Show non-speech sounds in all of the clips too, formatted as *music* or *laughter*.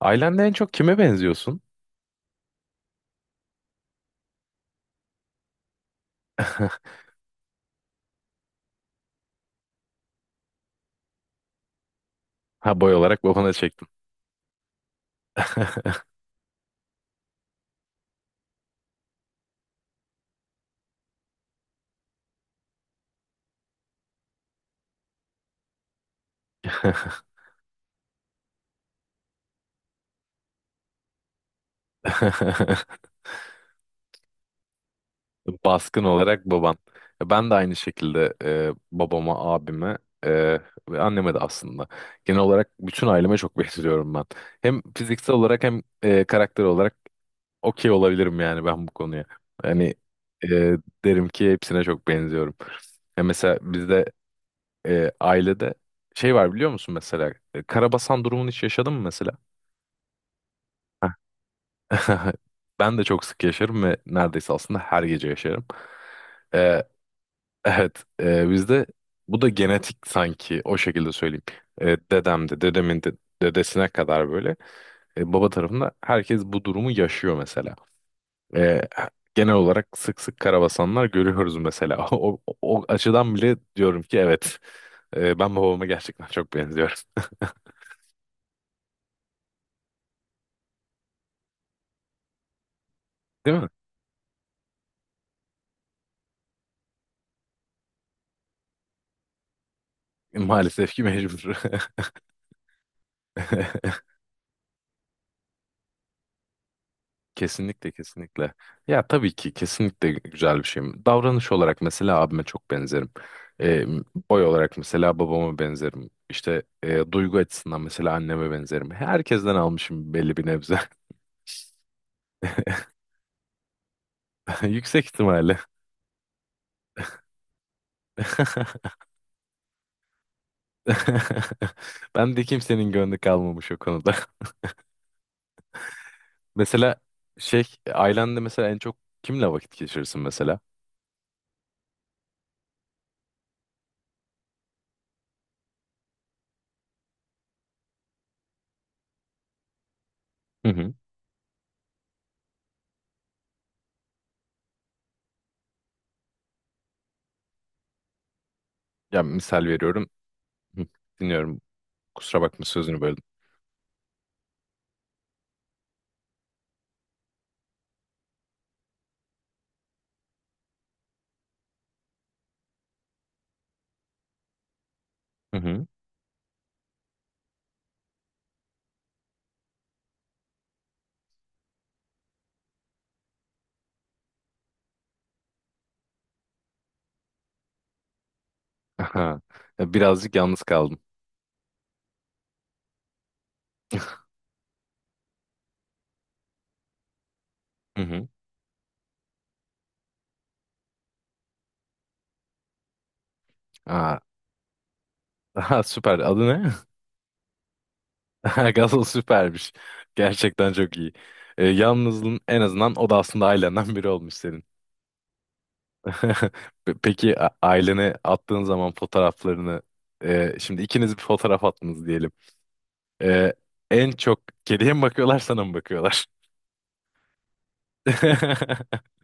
Ailende en çok kime benziyorsun? Ha, boy olarak babana çektim. *laughs* Baskın olarak baban. Ben de aynı şekilde babama, abime, e, ve anneme de aslında. Genel olarak bütün aileme çok *laughs* benziyorum ben. Hem fiziksel olarak hem karakter olarak okey olabilirim yani ben bu konuya. Yani e, derim ki hepsine çok benziyorum. Ya mesela bizde, ailede şey var biliyor musun mesela? E, Karabasan durumunu hiç yaşadın mı mesela? *laughs* Ben de çok sık yaşarım ve neredeyse aslında her gece yaşarım. Ee, evet, bizde bu da genetik, sanki o şekilde söyleyeyim. Dedem de, dedemin de, dedesine kadar böyle, baba tarafında herkes bu durumu yaşıyor mesela. Ee, genel olarak sık sık karabasanlar görüyoruz mesela. *laughs* O açıdan bile diyorum ki evet, ben babama gerçekten çok benziyorum. *laughs* Değil mi? Maalesef ki mecbur. *laughs* Kesinlikle, kesinlikle. Ya tabii ki kesinlikle güzel bir şey. Davranış olarak mesela abime çok benzerim. Ee, boy olarak mesela babama benzerim. İşte duygu açısından mesela anneme benzerim. Herkesten almışım belli bir nebze. *laughs* Yüksek ihtimalle. *laughs* Ben de kimsenin gönlü kalmamış o konuda. *laughs* Mesela şey, ailende mesela en çok kimle vakit geçirirsin mesela? Hı hı. Ya misal veriyorum. Hı, dinliyorum. Kusura bakma, sözünü böldüm. Aha. Birazcık yalnız kaldım. Hı hı. Aa, *laughs* aha, süper. Adı ne? *laughs* Aha, Gazol süpermiş. Gerçekten çok iyi. Yalnızlığın en azından o da aslında ailenden biri olmuş senin. *laughs* Pe- peki a- ailene attığın zaman fotoğraflarını, şimdi ikiniz bir fotoğraf attınız diyelim. E, en çok kediye mi bakıyorlar, sana mı bakıyorlar? *laughs*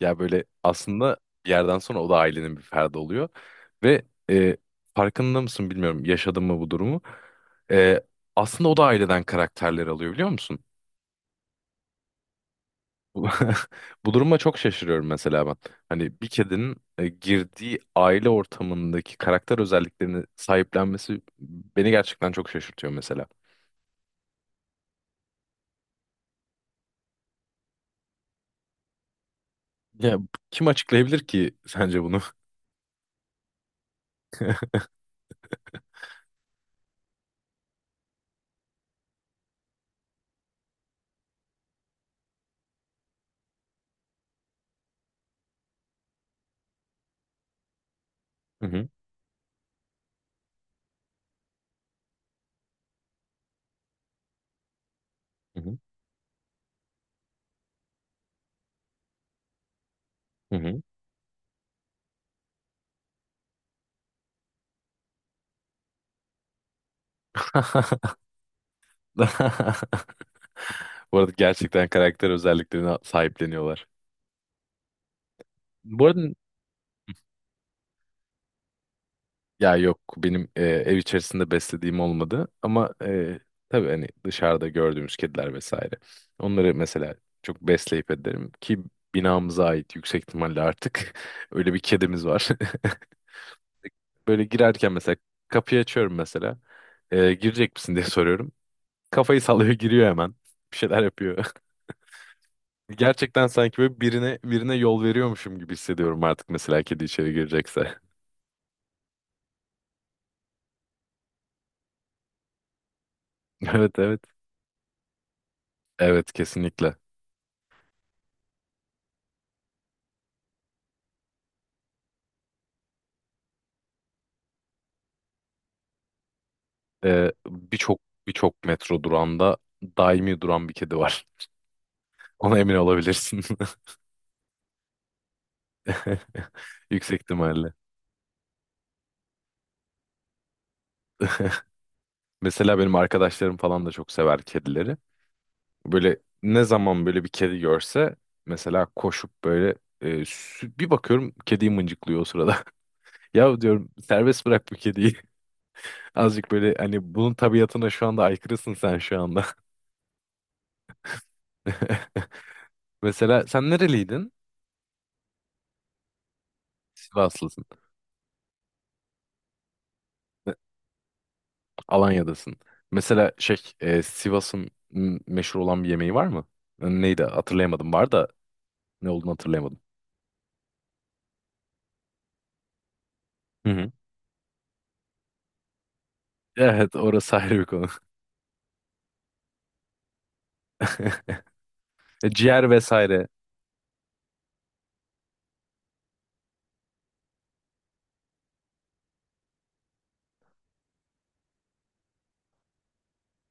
Ya böyle aslında bir yerden sonra o da ailenin bir ferdi oluyor. Ve e, farkında mısın bilmiyorum, yaşadın mı bu durumu. E, aslında o da aileden karakterler alıyor biliyor musun? Bu *laughs* bu duruma çok şaşırıyorum mesela ben. Hani bir kedinin, girdiği aile ortamındaki karakter özelliklerini sahiplenmesi beni gerçekten çok şaşırtıyor mesela. Ya kim açıklayabilir ki sence bunu? Hı hı. Hı hı. Hı hı. *laughs* Bu arada gerçekten karakter özelliklerine sahipleniyorlar. Bu arada ya yok, benim ev içerisinde beslediğim olmadı ama, tabii hani dışarıda gördüğümüz kediler vesaire. Onları mesela çok besleyip ederim ki binamıza ait yüksek ihtimalle artık *laughs* öyle bir kedimiz var. *laughs* Böyle girerken mesela kapıyı açıyorum mesela, girecek misin diye soruyorum. Kafayı sallıyor, giriyor hemen, bir şeyler yapıyor. *laughs* Gerçekten sanki böyle birine yol veriyormuşum gibi hissediyorum artık mesela, kedi içeri girecekse. *laughs* Evet, evet. Evet, kesinlikle. Ee, birçok birçok metro durağında daimi duran bir kedi var. *laughs* Ona emin olabilirsin. *laughs* Yüksek ihtimalle. Mesela benim arkadaşlarım falan da çok sever kedileri. Böyle ne zaman böyle bir kedi görse mesela, koşup böyle, bir bakıyorum kediyi mıncıklıyor o sırada. *laughs* Ya diyorum, serbest bırak bu kediyi. *laughs* Azıcık böyle hani bunun tabiatına şu anda aykırısın sen şu anda. *laughs* Mesela sen nereliydin? Sivaslısın. Alanya'dasın. Mesela şey, Sivas'ın m- meşhur olan bir yemeği var mı? Neydi, hatırlayamadım. Var da ne olduğunu hatırlayamadım. Hı hı. Evet, orası *laughs* ayrı bir konu. *laughs* E, Ciğer vesaire.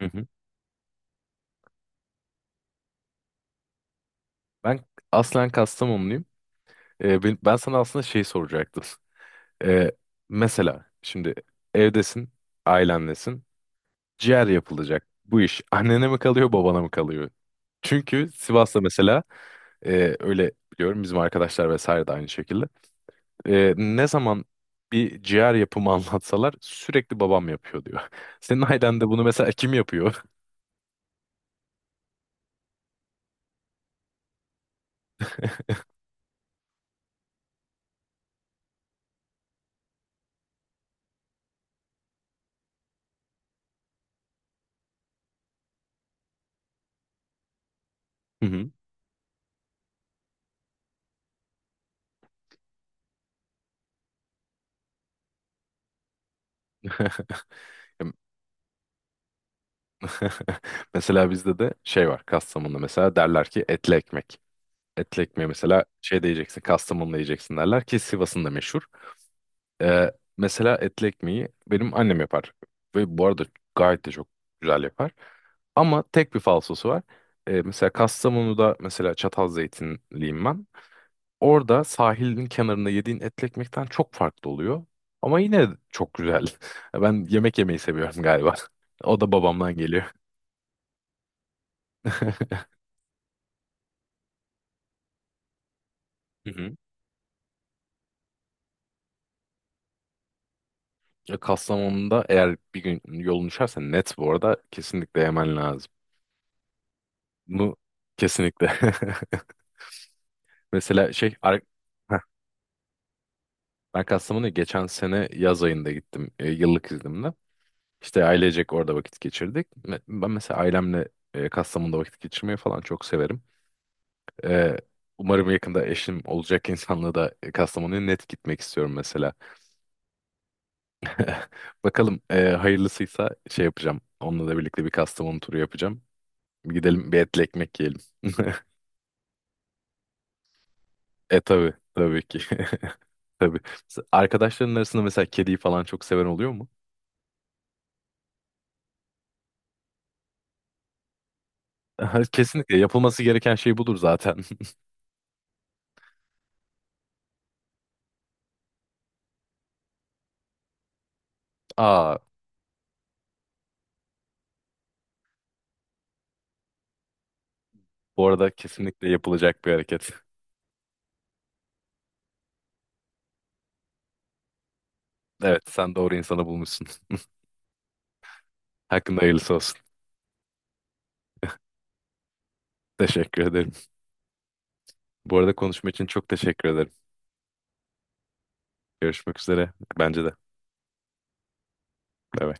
Hı hı. Ben aslen Kastamonluyum. Ben sana aslında şey soracaktım. E, mesela şimdi evdesin, ailenlesin. Ciğer yapılacak. Bu iş annene mi kalıyor, babana mı kalıyor? Çünkü Sivas'ta mesela, öyle biliyorum, bizim arkadaşlar vesaire de aynı şekilde. Ne zaman bir ciğer yapımı *laughs* anlatsalar, sürekli babam yapıyor diyor. *laughs* Senin ailende bunu mesela kim yapıyor? Hı hı. *laughs* Mesela bizde de şey var, Kastamonu'da mesela derler ki, etli ekmek. Etli ekmeği mesela şey diyeceksin, yiyeceksin Kastamonu'da, yiyeceksin derler ki Sivas'ın da meşhur. Ee, mesela etli ekmeği benim annem yapar. Ve bu arada gayet de çok güzel yapar. Ama tek bir falsosu var. Mesela Kastamonu'da mesela çatal zeytinliyim ben. Orada sahilin kenarında yediğin etli ekmekten çok farklı oluyor. Ama yine çok güzel. *laughs* Ben yemek yemeyi seviyorum galiba. *laughs* O da babamdan geliyor. *laughs* Hı hı. E, Kastamonu'da eğer bir gün yolun düşerse, net bu arada, kesinlikle yemen lazım. Bunu kesinlikle. *laughs* Mesela şey ar- heh, ben Kastamonu'ya geçen sene yaz ayında gittim, yıllık iznimle. İşte ailecek orada vakit geçirdik. Me- ben mesela ailemle, Kastamonu'da vakit geçirmeyi falan çok severim. Ee, umarım yakında eşim olacak insanla da Kastamonu'ya net gitmek istiyorum mesela. Bakalım, hayırlısıysa şey yapacağım. Onunla da birlikte bir Kastamonu turu yapacağım. Gidelim, bir etli ekmek yiyelim. *laughs* E tabii, tabii ki. *laughs* Tabii. Arkadaşların arasında mesela kediyi falan çok seven oluyor mu? *laughs* Kesinlikle yapılması gereken şey budur zaten. *laughs* Aa, bu arada kesinlikle yapılacak bir hareket. Evet, sen doğru insanı bulmuşsun. *laughs* Hakkında hayırlısı olsun. Teşekkür ederim. Bu arada konuşma için çok teşekkür ederim. Görüşmek üzere. Bence de. Bay bay.